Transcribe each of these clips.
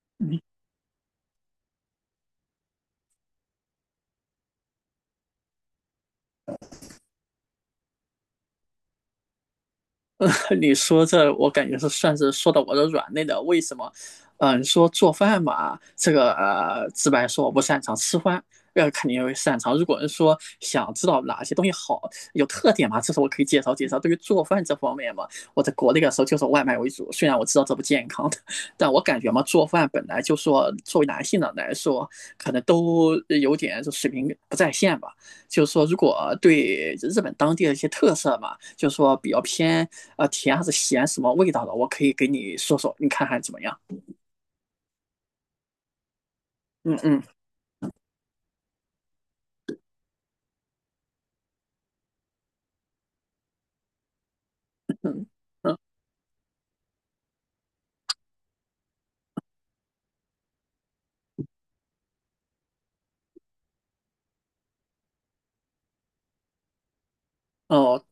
你你说这，我感觉是算是说到我的软肋了。为什么？你说做饭嘛，这个直白说我不擅长吃饭，肯定会擅长。如果是说想知道哪些东西好，有特点嘛，这是我可以介绍介绍。对于做饭这方面嘛，我在国内的时候就是外卖为主，虽然我知道这不健康的，但我感觉嘛，做饭本来就说作为男性的来说，可能都有点就水平不在线吧。就是说，如果对日本当地的一些特色嘛，就是说比较偏啊甜还是咸什么味道的，我可以给你说说，你看看怎么样？嗯嗯。嗯。哦，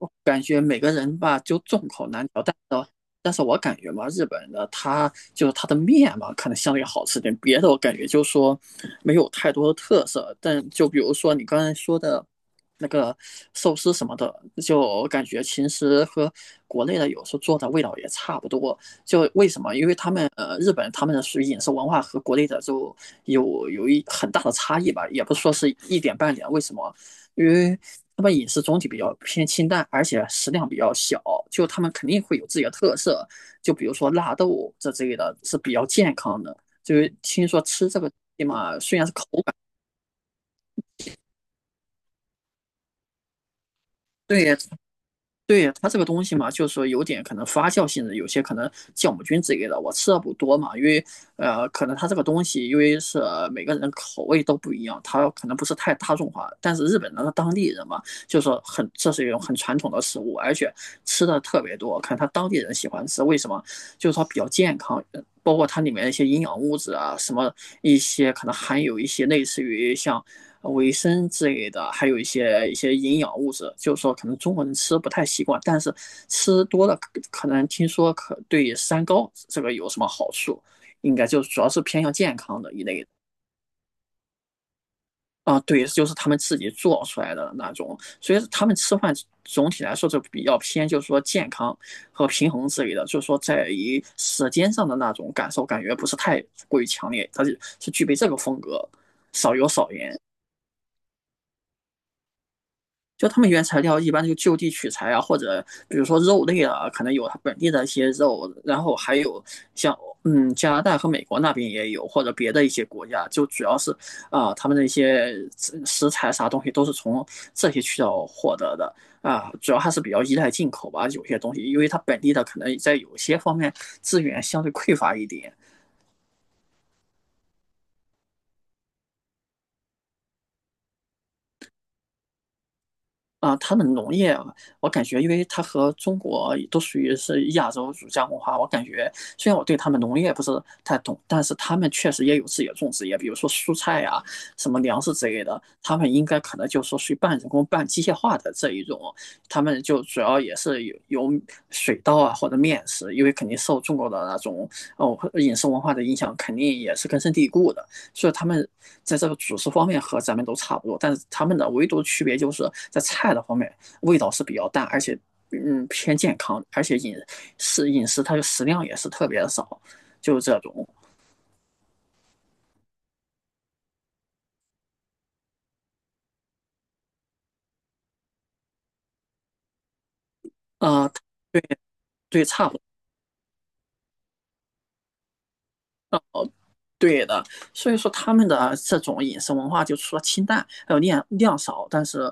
后感觉每个人吧就众口难调，但是。我感觉嘛，日本的它就是它的面嘛，可能相对好吃点，别的我感觉就是说没有太多的特色。但就比如说你刚才说的那个寿司什么的，就感觉其实和国内的有时候做的味道也差不多。就为什么？因为他们日本他们的属于饮食文化和国内的就有一很大的差异吧，也不是说是一点半点。为什么？因为他们饮食总体比较偏清淡，而且食量比较小，就他们肯定会有自己的特色，就比如说纳豆这之类的是比较健康的。就是听说吃这个嘛，虽然是口感，对。对它这个东西嘛，就是说有点可能发酵性质，有些可能酵母菌之类的，我吃的不多嘛，因为可能它这个东西，因为是每个人口味都不一样，它可能不是太大众化。但是日本人的当地人嘛，就是说很这是一种很传统的食物，而且吃的特别多，可能他当地人喜欢吃，为什么？就是说比较健康，包括它里面一些营养物质啊，什么一些可能含有一些类似于像维生之类的，还有一些营养物质，就是说可能中国人吃不太习惯，但是吃多了可能听说可对三高这个有什么好处，应该就主要是偏向健康的一类的啊。对，就是他们自己做出来的那种，所以他们吃饭总体来说就比较偏，就是说健康和平衡之类的，就是说在于舌尖上的那种感受感觉不是太过于强烈，它是具备这个风格，少油少盐。就他们原材料一般就就地取材啊，或者比如说肉类啊，可能有它本地的一些肉，然后还有像嗯加拿大和美国那边也有，或者别的一些国家，就主要是他们的一些食材啥东西都是从这些渠道获得的。主要还是比较依赖进口吧，有些东西，因为它本地的可能在有些方面资源相对匮乏一点。他们农业啊，我感觉，因为它和中国都属于是亚洲儒家文化，我感觉虽然我对他们农业不是太懂，但是他们确实也有自己的种植业，比如说蔬菜呀、什么粮食之类的，他们应该可能就是说属于半人工、半机械化的这一种，他们就主要也是有水稻啊或者面食，因为肯定受中国的那种哦饮食文化的影响，肯定也是根深蒂固的。所以他们在这个主食方面和咱们都差不多，但是他们的唯独区别就是在菜的方面味道是比较淡，而且嗯偏健康，而且饮食它的食量也是特别的少，就是这种。呃对。对差不多。对的，所以说他们的这种饮食文化，就除了清淡还有量量少，但是，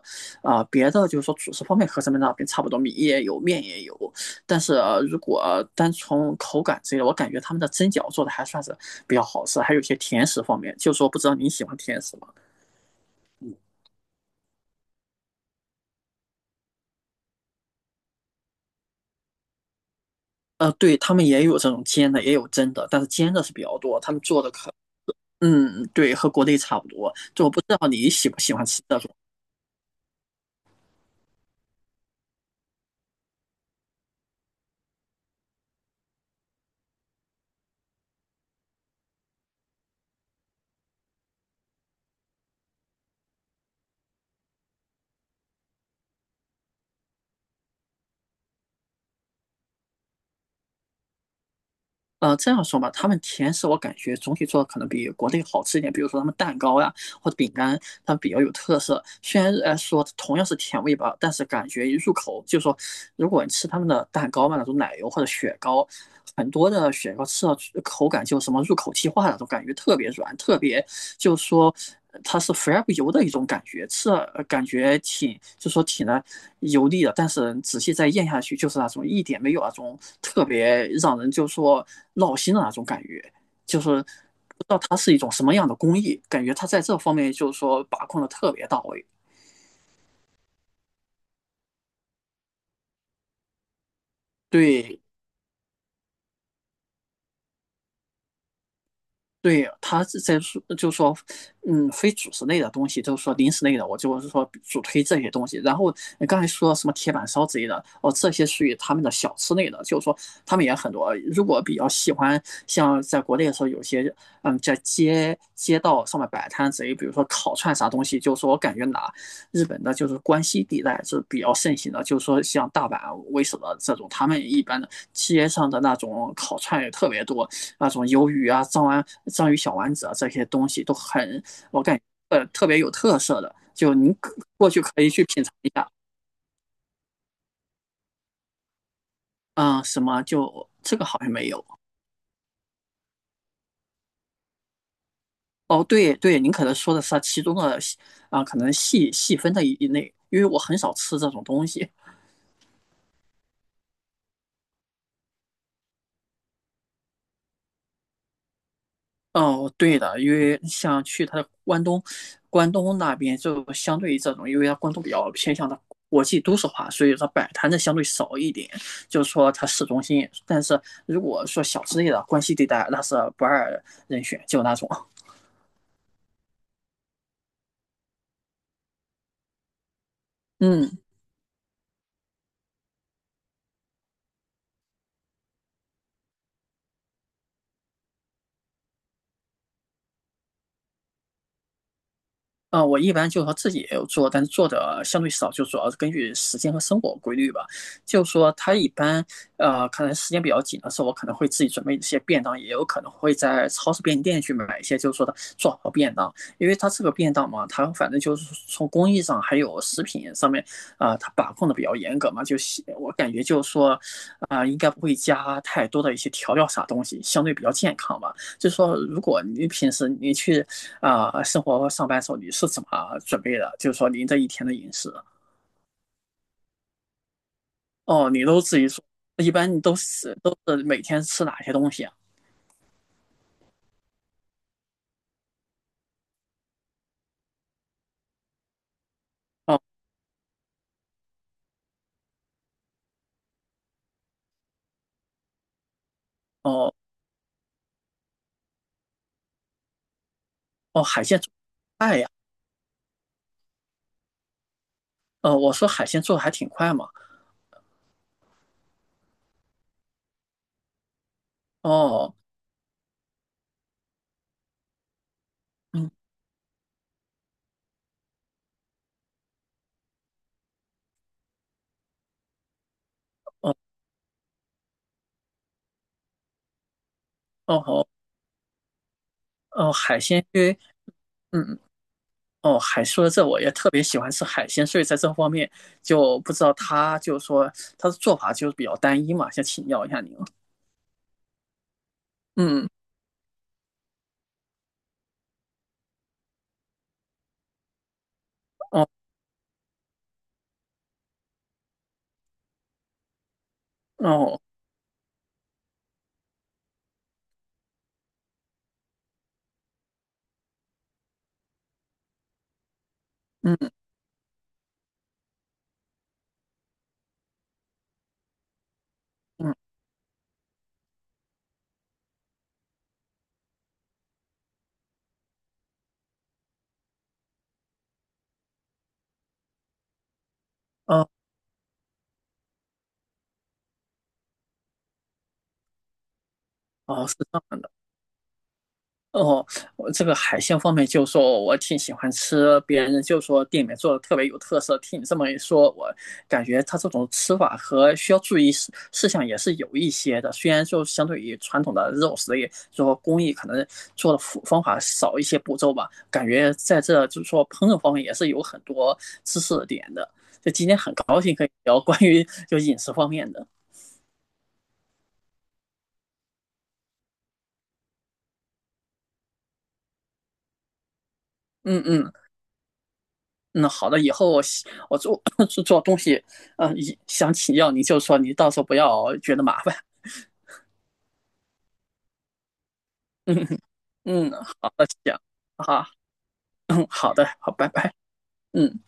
别的就是说主食方面和咱们那边差不多，米也有，面也有。但是,如果单从口感之类的，我感觉他们的蒸饺做的还算是比较好吃，还有一些甜食方面，就是说不知道你喜欢甜食吗？对他们也有这种煎的，也有蒸的，但是煎的是比较多，他们做的可，嗯，对，和国内差不多。就我不知道你喜不喜欢吃这种。这样说吧，他们甜食我感觉总体做的可能比国内好吃一点，比如说他们蛋糕呀或者饼干，他们比较有特色。虽然说同样是甜味吧，但是感觉一入口就是说，如果你吃他们的蛋糕嘛，那种奶油或者雪糕，很多的雪糕吃到口感就什么入口即化那种感觉，特别软，特别就说它是肥而不油的一种感觉，吃了感觉挺就说挺的油腻的，但是仔细再咽下去，就是那种一点没有那种特别让人就说闹心的那种感觉，就是不知道它是一种什么样的工艺，感觉它在这方面就是说把控的特别到位。对。对，他是在说，就说，嗯，非主食类的东西，就是说零食类的，我就是说主推这些东西。然后你刚才说什么铁板烧之类的，哦，这些属于他们的小吃类的，就是说他们也很多。如果比较喜欢，像在国内的时候，有些嗯，在街道上面摆摊之类，比如说烤串啥东西，就是说我感觉哪日本的，就是关西地带是比较盛行的，就是说像大阪为首的这种，他们一般的街上的那种烤串也特别多。那种鱿鱼啊、章丸、章鱼小丸子啊这些东西都很，我感觉特别有特色的，就您过去可以去品尝一下。嗯，什么就这个好像没有哦。对对，您可能说的是它其中的可能细细分的一类，因为我很少吃这种东西，哦，对的，因为像去它的关东，关东那边就相对于这种，因为它关东比较偏向的国际都市化，所以说摆摊的相对少一点。就是说它市中心，但是如果说小吃类的关西地带，那是不二人选，就那种。嗯。我一般就是说自己也有做，但是做的相对少，就主要是根据时间和生活规律吧。就是说他一般，可能时间比较紧的时候，我可能会自己准备一些便当，也有可能会在超市便利店去买一些，就是说的做好便当。因为他这个便当嘛，他反正就是从工艺上还有食品上面，他把控的比较严格嘛，就是我感觉就是说，应该不会加太多的一些调料啥东西，相对比较健康吧。就是说，如果你平时你去啊，生活上班时候你是怎么准备的？就是说您这一天的饮食，哦，你都自己做，一般你都是每天吃哪些东西啊？哦哦。哦，海鲜做快呀，哦，我说海鲜做的还挺快嘛，哦，嗯，哦哦。哦哦，海鲜，因为嗯。哦，海说这我也特别喜欢吃海鲜，所以在这方面就不知道他就是说他的做法就是比较单一嘛，想请教一下您。嗯，哦，哦，嗯嗯，哦哦，是这样的。哦，我这个海鲜方面，就说我挺喜欢吃，别人就说店里面做的特别有特色。听你这么一说，我感觉它这种吃法和需要注意事项也是有一些的。虽然就相对于传统的肉食也就说工艺可能做的方法少一些步骤吧，感觉在这就是说烹饪方面也是有很多知识点的。就今天很高兴可以聊关于就饮食方面的。嗯嗯。嗯，好的，以后我做 做东西，嗯，一想请教你就说，你到时候不要觉得麻烦。嗯嗯，好的，行，好，嗯，好的，好，拜拜，嗯。